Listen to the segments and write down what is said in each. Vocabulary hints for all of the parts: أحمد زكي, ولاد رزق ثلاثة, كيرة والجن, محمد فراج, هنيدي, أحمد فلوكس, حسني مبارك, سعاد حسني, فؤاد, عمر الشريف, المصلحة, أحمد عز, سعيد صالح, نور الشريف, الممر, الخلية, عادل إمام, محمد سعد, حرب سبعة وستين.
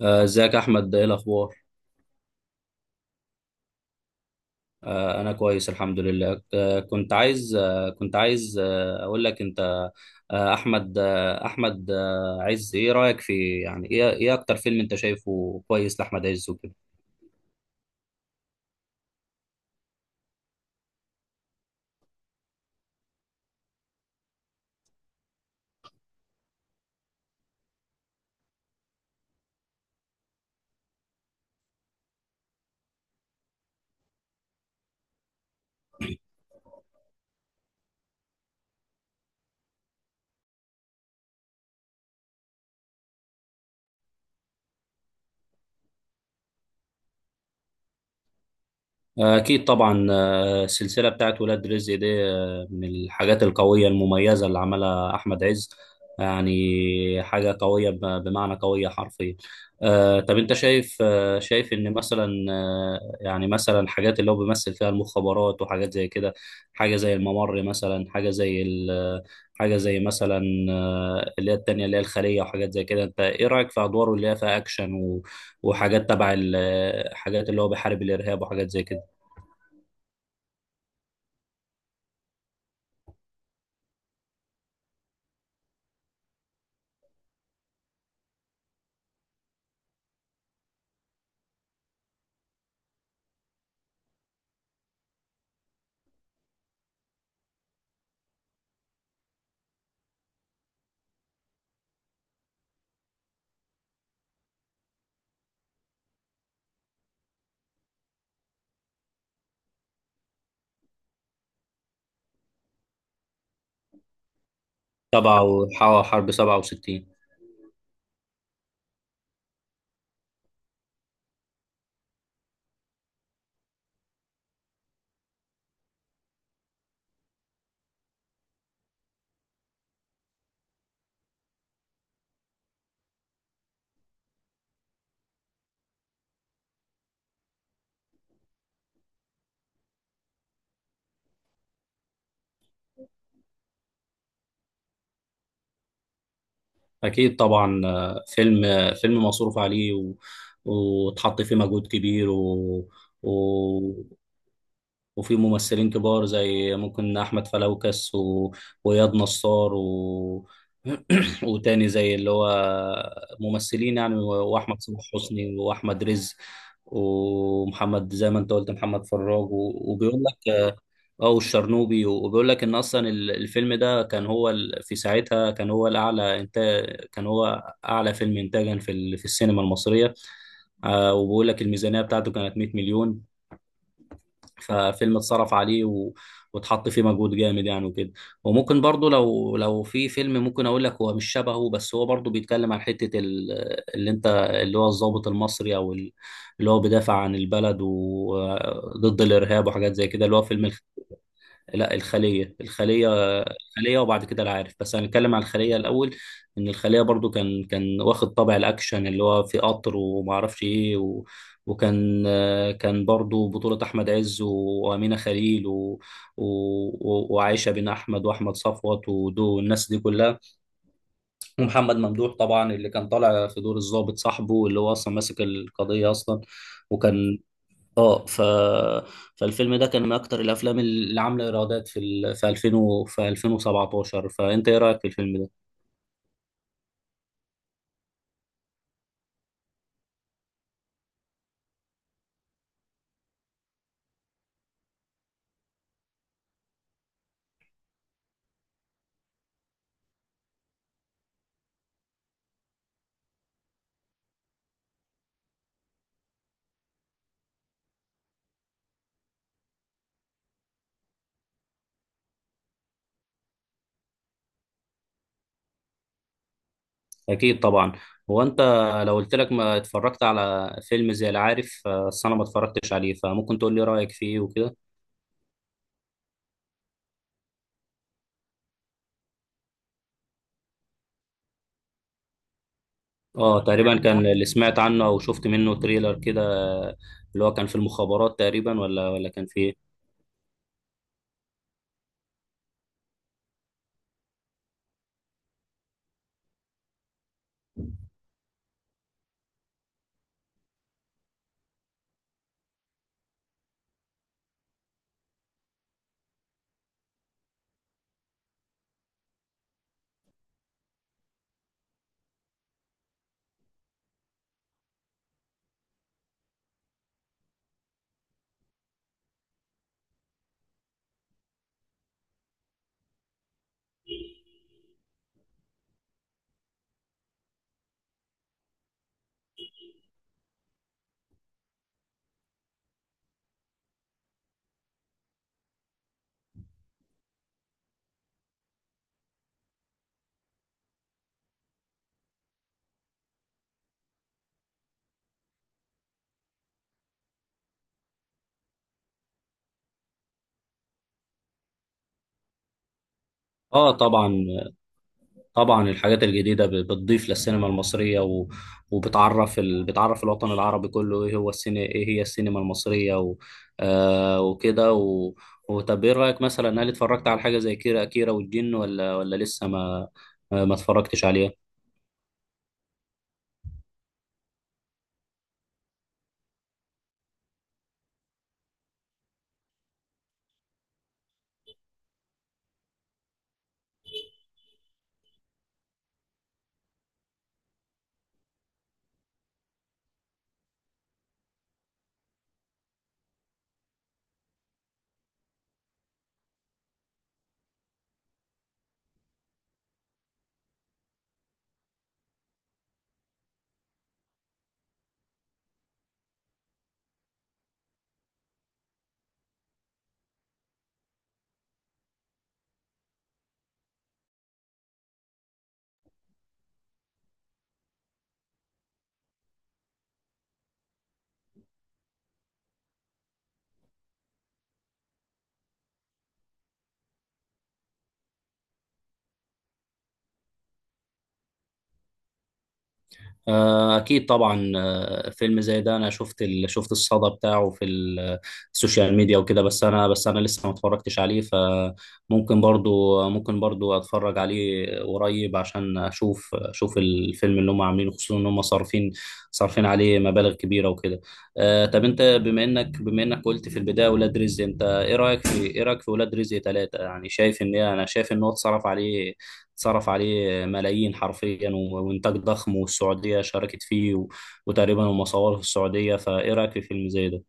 ازيك يا احمد، ايه الاخبار؟ انا كويس الحمد لله. كنت عايز اقول لك انت. احمد عز، ايه رايك في، يعني، ايه اكتر فيلم انت شايفه كويس لاحمد عز وكده؟ اكيد طبعا. السلسلة بتاعت ولاد رزق دي من الحاجات القوية المميزة اللي عملها أحمد عز. يعني حاجة قوية، بمعنى قوية حرفيا. طب أنت شايف إن مثلا، يعني مثلا، حاجات اللي هو بيمثل فيها المخابرات وحاجات زي كده. حاجة زي الممر مثلا، حاجة زي مثلا اللي هي التانية، اللي هي الخلية وحاجات زي كده. أنت إيه رأيك في أدواره اللي هي فيها أكشن وحاجات تبع حاجات اللي هو بيحارب الإرهاب وحاجات زي كده؟ حرب سبعة وستين. أكيد طبعا. فيلم مصروف عليه، وتحط فيه مجهود كبير، و... وفي ممثلين كبار زي ممكن أحمد فلوكس، وإياد نصار، وتاني زي اللي هو ممثلين يعني، وأحمد صلاح حسني وأحمد رزق. ومحمد، زي ما أنت قلت، محمد فراج، وبيقول لك، اه، والشرنوبي، وبيقول لك ان اصلا الفيلم ده كان هو في ساعتها كان هو الاعلى انتاج، كان هو اعلى فيلم انتاجا في في السينما المصريه. آه، وبيقول لك الميزانيه بتاعته كانت 100 مليون. ففيلم اتصرف عليه، واتحط فيه مجهود جامد يعني وكده. وممكن برضو، لو في فيلم ممكن اقول لك هو مش شبهه، بس هو برضو بيتكلم عن حته ال... اللي انت اللي هو الضابط المصري، اللي هو بيدافع عن البلد وضد الارهاب وحاجات زي كده، اللي هو فيلم. لا، الخلية. وبعد كده العارف، بس هنتكلم على الخلية الأول. إن الخلية برضو كان واخد طابع الأكشن، اللي هو في قطر وما أعرفش إيه، وكان كان برضو بطولة أحمد عز وأمينة خليل، و... وعائشة بن أحمد وأحمد صفوت ودو والناس دي كلها، ومحمد ممدوح طبعا، اللي كان طالع في دور الضابط صاحبه اللي هو أصلا ماسك القضية أصلا. وكان، اه، فالفيلم ده كان من اكتر الافلام اللي عامله ايرادات في في 2000 في 2017. فانت ايه رايك في الفيلم ده؟ اكيد طبعا. هو انت، لو قلت لك ما اتفرجت على فيلم زي العارف، بس انا ما اتفرجتش عليه، فممكن تقول لي رايك فيه وكده. اه، تقريبا كان اللي سمعت عنه او شفت منه تريلر كده. اللي هو كان في المخابرات تقريبا، ولا كان في ايه؟ اه، طبعا. طبعا الحاجات الجديدة بتضيف للسينما المصرية، وبتعرف بتعرف الوطن العربي كله ايه هو السينما، ايه هي السينما المصرية، آه وكده، وطب ايه رأيك مثلا؟ هل اتفرجت على حاجة زي كيرة والجن، ولا لسه ما اتفرجتش عليها؟ أكيد طبعا. فيلم زي ده، أنا شفت الصدى بتاعه في السوشيال ميديا وكده، بس أنا لسه ما اتفرجتش عليه. فممكن برضو، ممكن برضو أتفرج عليه قريب عشان أشوف الفيلم اللي هم عاملينه، خصوصا إن هم صارفين عليه مبالغ كبيرة وكده. طب أنت، بما إنك قلت في البداية ولاد رزق، أنت إيه رأيك في، ولاد رزق ثلاثة؟ يعني شايف، أنا شايف إن هو اتصرف عليه صرف عليه ملايين حرفيا، وإنتاج ضخم، والسعودية شاركت فيه، وتقريبا هم صوروه في السعودية. فإيه رأيك في فيلم زي ده؟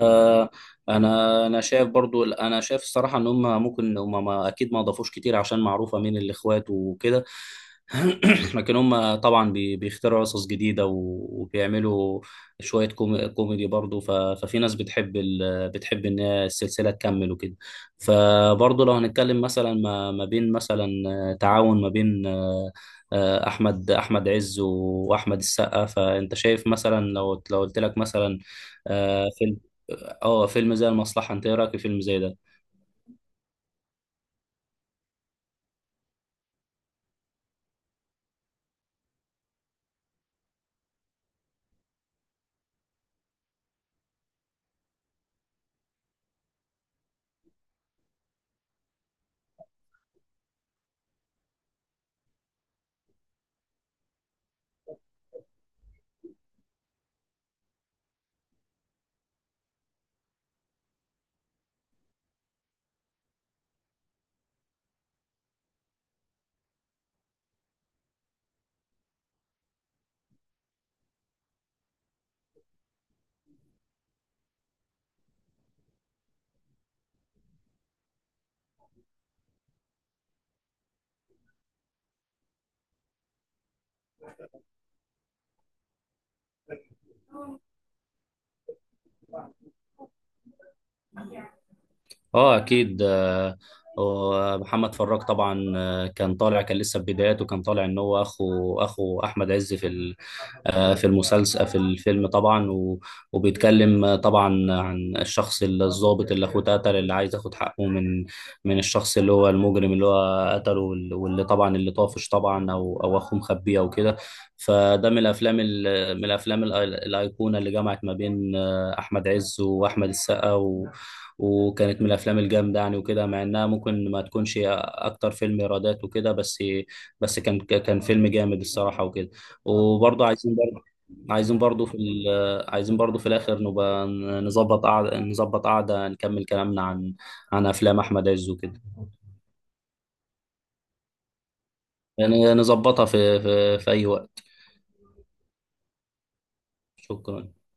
آه، انا شايف برضو، انا شايف الصراحه ان هم ممكن، ما اكيد ما اضافوش كتير عشان معروفه مين الاخوات وكده. لكن هم طبعا بيخترعوا قصص جديده، وبيعملوا شويه كوميدي برضو. ففي ناس بتحب ان هي السلسله تكمل وكده. فبرضو لو هنتكلم مثلا ما بين مثلا تعاون ما بين، احمد عز واحمد السقا. فانت شايف مثلا، لو قلت لك مثلا، آه، فيلم اه فيلم زي المصلحة، انت ايه رأيك في فيلم زي ده؟ اه، اكيد. ومحمد فراج طبعا، كان طالع، كان لسه في بداياته، كان طالع ان هو اخو احمد عز في، في المسلسل، في الفيلم طبعا، وبيتكلم طبعا عن الشخص الضابط اللي اخوه اتقتل، اللي عايز ياخد حقه من، الشخص اللي هو المجرم اللي هو قتله، واللي طبعا اللي طافش طبعا، او اخوه مخبيه او كده. فده من الافلام من الافلام الايقونه اللي جمعت ما بين احمد عز واحمد السقا، وكانت من الافلام الجامده يعني وكده. مع انها ممكن ما تكونش اكتر فيلم ايرادات وكده، بس كان فيلم جامد الصراحه وكده. وبرضه عايزين، عايزين برضه في الاخر نبقى نظبط قعده نكمل كلامنا عن، افلام احمد عز وكده. يعني نظبطها في اي وقت. شكرا.